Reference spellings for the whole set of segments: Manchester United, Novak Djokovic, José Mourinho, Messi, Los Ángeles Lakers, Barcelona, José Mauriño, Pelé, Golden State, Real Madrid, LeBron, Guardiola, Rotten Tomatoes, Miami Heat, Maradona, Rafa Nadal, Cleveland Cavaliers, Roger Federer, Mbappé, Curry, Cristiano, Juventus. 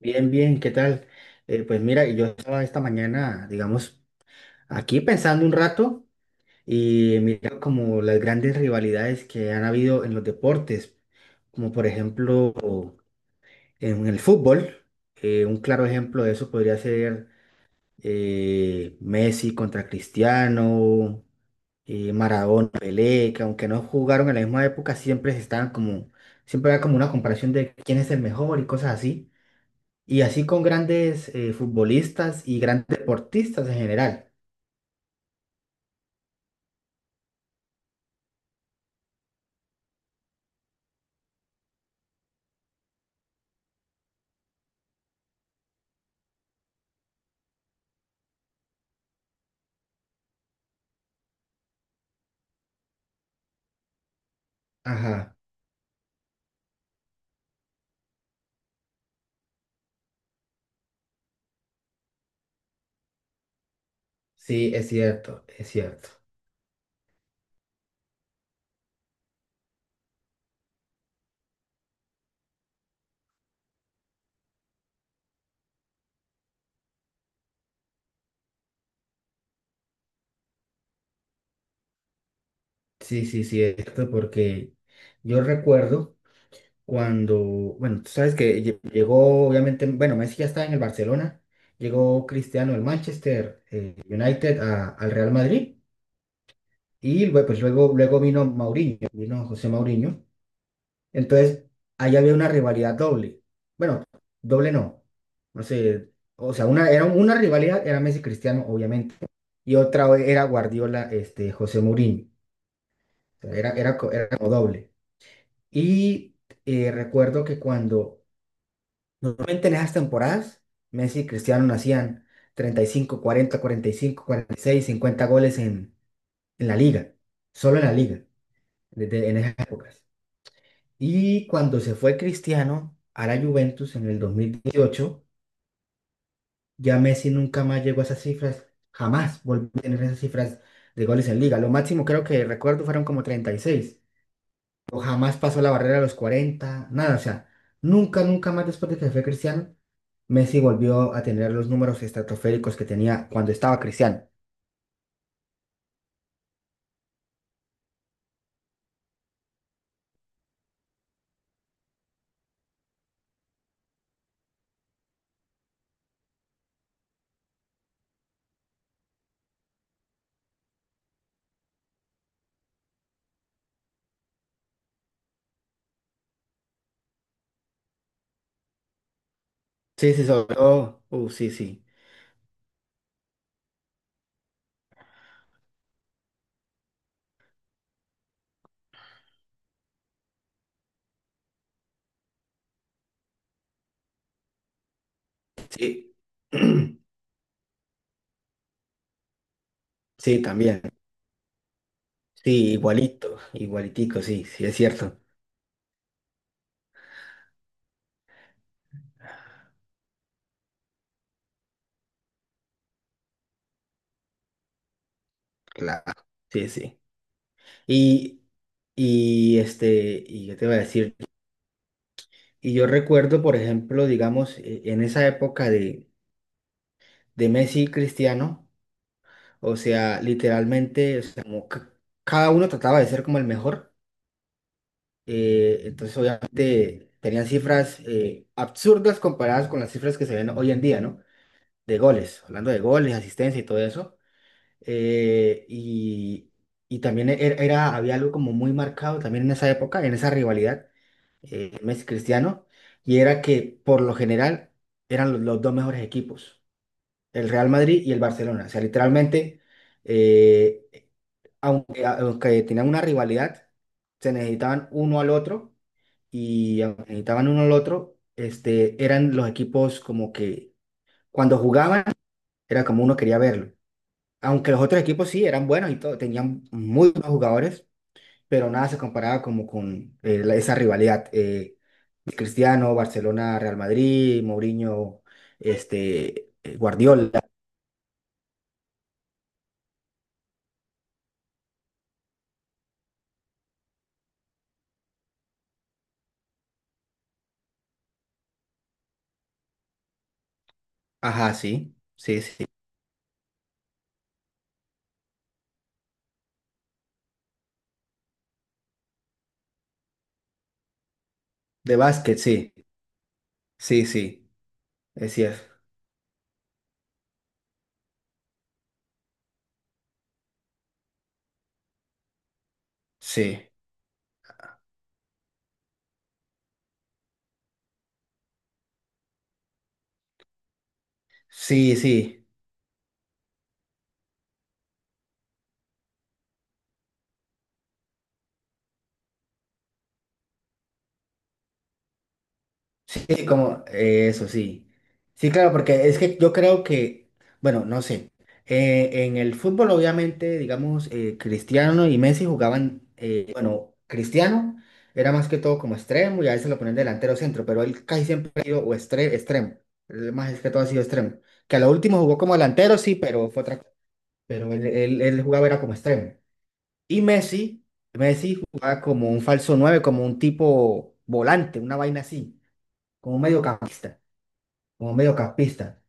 Bien, bien, ¿qué tal? Pues mira, yo estaba esta mañana, digamos, aquí pensando un rato y mira como las grandes rivalidades que han habido en los deportes, como por ejemplo en el fútbol, un claro ejemplo de eso podría ser Messi contra Cristiano, Maradona, Pelé, que aunque no jugaron en la misma época, siempre estaban como, siempre era como una comparación de quién es el mejor y cosas así. Y así con grandes futbolistas y grandes deportistas en general. Ajá, sí, es cierto, es cierto. Sí, sí, sí, es cierto, porque yo recuerdo cuando, bueno, tú sabes que llegó, obviamente, bueno, Messi ya estaba en el Barcelona, llegó Cristiano del Manchester United al Real Madrid y pues luego, luego vino Mauriño, vino José Mauriño. Entonces, ahí había una rivalidad doble. Bueno, doble no. No sé, o sea, una, era una rivalidad era Messi Cristiano, obviamente, y otra era Guardiola, este, José Mourinho. O sea, era, era, era como doble. Y recuerdo que cuando, normalmente en esas temporadas, Messi y Cristiano hacían 35 40 45, 46 50 goles en la liga, solo en la liga, desde, en esas épocas. Y cuando se fue Cristiano a la Juventus en el 2018 ya Messi nunca más llegó a esas cifras, jamás volvió a tener esas cifras de goles en liga. Lo máximo creo que recuerdo fueron como 36 o jamás pasó la barrera de los 40 nada, o sea, nunca, nunca más después de que se fue Cristiano, Messi volvió a tener los números estratosféricos que tenía cuando estaba Cristiano. Sí, sí, sobre todo, sí, sí, sí, sí, también, sí, igualito, igualitico, sí, sí, es cierto. Claro. Sí, sí. Y, y este, y yo te iba a decir, y yo recuerdo, por ejemplo, digamos, en esa época de Messi y Cristiano, o sea, literalmente, o sea, como cada uno trataba de ser como el mejor, entonces obviamente tenían cifras absurdas comparadas con las cifras que se ven hoy en día, ¿no? De goles, hablando de goles, asistencia y todo eso. eh, y, y también era, había algo como muy marcado también en esa época, en esa rivalidad Messi Cristiano, y era que por lo general eran los dos mejores equipos, el Real Madrid y el Barcelona. O sea, literalmente, eh, aunque, aunque tenían una rivalidad, se necesitaban uno al otro y aunque necesitaban uno al otro, este, eran los equipos como que cuando jugaban era como uno quería verlo. Aunque los otros equipos sí eran buenos y todo, tenían muy buenos jugadores, pero nada se comparaba como con esa rivalidad. Cristiano, Barcelona, Real Madrid, Mourinho, este, Guardiola. Ajá, sí, sí, sí. De básquet, sí, sí, sí, es cierto. Sí, sí, sí. Sí, como eso, sí. Sí, claro, porque es que yo creo que, bueno, no sé, en el fútbol obviamente, digamos, Cristiano y Messi jugaban, bueno, Cristiano era más que todo como extremo y a veces lo ponían delantero centro, pero él casi siempre ha sido o extremo, él más es que todo ha sido extremo, que a lo último jugó como delantero, sí, pero fue otra cosa, pero él jugaba era como extremo. Y Messi, Messi jugaba como un falso 9 como un tipo volante, una vaina así, como un mediocampista como mediocampista.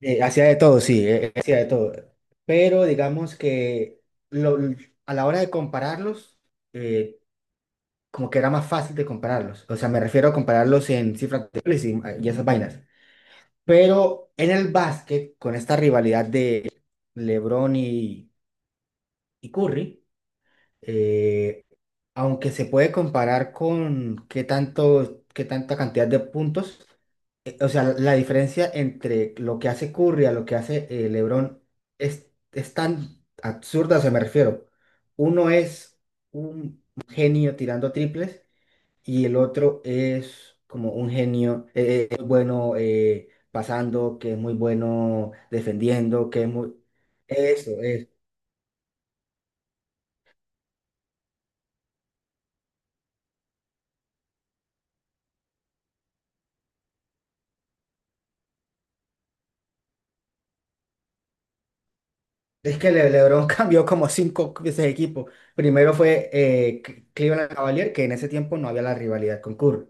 Hacía de todo, sí, hacía de todo. Pero digamos que lo- a la hora de compararlos, eh, como que era más fácil de compararlos. O sea, me refiero a compararlos en cifras de goles y, ah, y esas vainas. Pero en el básquet, con esta rivalidad de LeBron y Curry, eh, aunque se puede comparar con qué tanto, qué tanta cantidad de puntos, o sea, la diferencia entre lo que hace Curry a lo que hace LeBron es tan absurda, o sea, me refiero. Uno es un genio tirando triples y el otro es como un genio muy bueno pasando, que es muy bueno defendiendo, que es muy... Eso, es que LeBron cambió como 5 veces de equipo. Primero fue Cleveland Cavaliers, que en ese tiempo no había la rivalidad con Curry.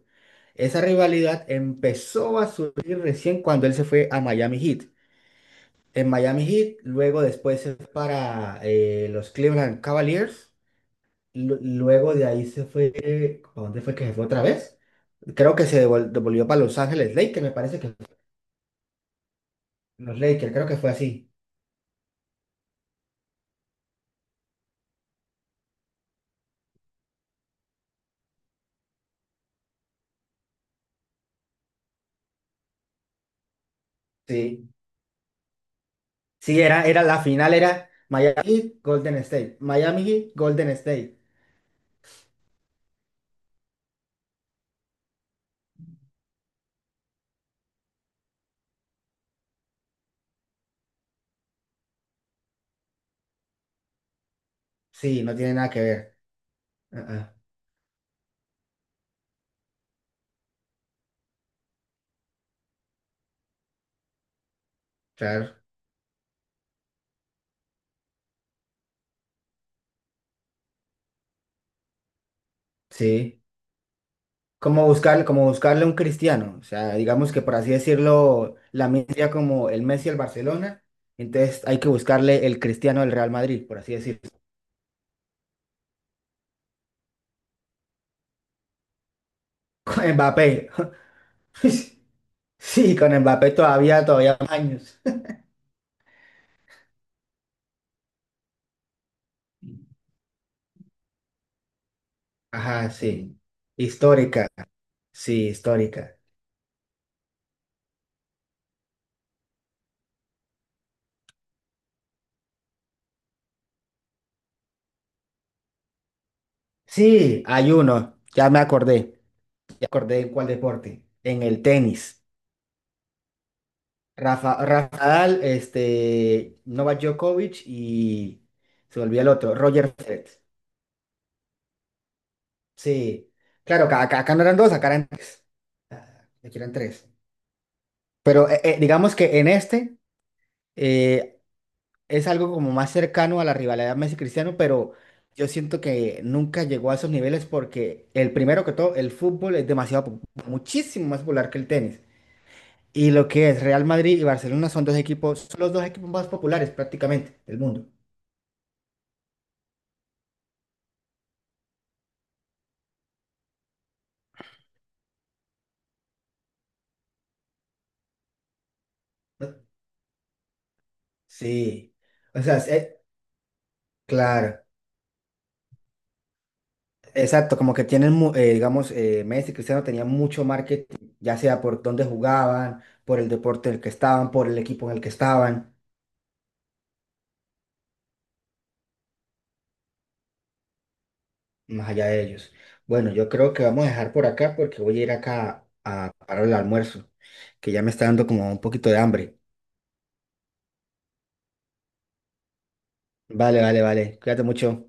Esa rivalidad empezó a surgir recién cuando él se fue a Miami Heat. En Miami Heat, luego después se fue para los Cleveland Cavaliers. Luego de ahí se fue, ¿a dónde fue que se fue otra vez? Creo que se devolvió para Los Ángeles Lakers, me parece que los Lakers, creo que fue así. Sí. Sí, era, era la final, era Miami Heat, Golden State. Miami Heat, Golden State. Sí, no tiene nada que ver. Ah, ah, claro, sí. Como buscar, como buscarle un cristiano. O sea, digamos que por así decirlo, la sería como el Messi al Barcelona. Entonces hay que buscarle el cristiano del Real Madrid, por así decirlo. Con Mbappé. Sí, con Mbappé todavía, todavía más años. Ajá, sí. Histórica. Sí, histórica. Sí, hay uno. Ya me acordé. Ya acordé en cuál deporte. En el tenis. Rafa, Rafa Nadal, este, Novak Djokovic y se volvía el otro, Roger Federer. Sí. Claro, acá, acá no eran dos, acá eran tres. Ah, aquí eran tres. Pero digamos que en este eh, es algo como más cercano a la rivalidad Messi-Cristiano, pero yo siento que nunca llegó a esos niveles porque el primero que todo, el fútbol es demasiado, muchísimo más popular que el tenis. Y lo que es Real Madrid y Barcelona son dos equipos, son los dos equipos más populares prácticamente del mundo. ¿No? Sí. O sea, claro, exacto, como que tienen, digamos, Messi y Cristiano tenían mucho marketing, ya sea por dónde jugaban, por el deporte en el que estaban, por el equipo en el que estaban, más allá de ellos. Bueno, yo creo que vamos a dejar por acá porque voy a ir acá a parar el almuerzo, que ya me está dando como un poquito de hambre. Vale, vale, vale. Cuídate mucho.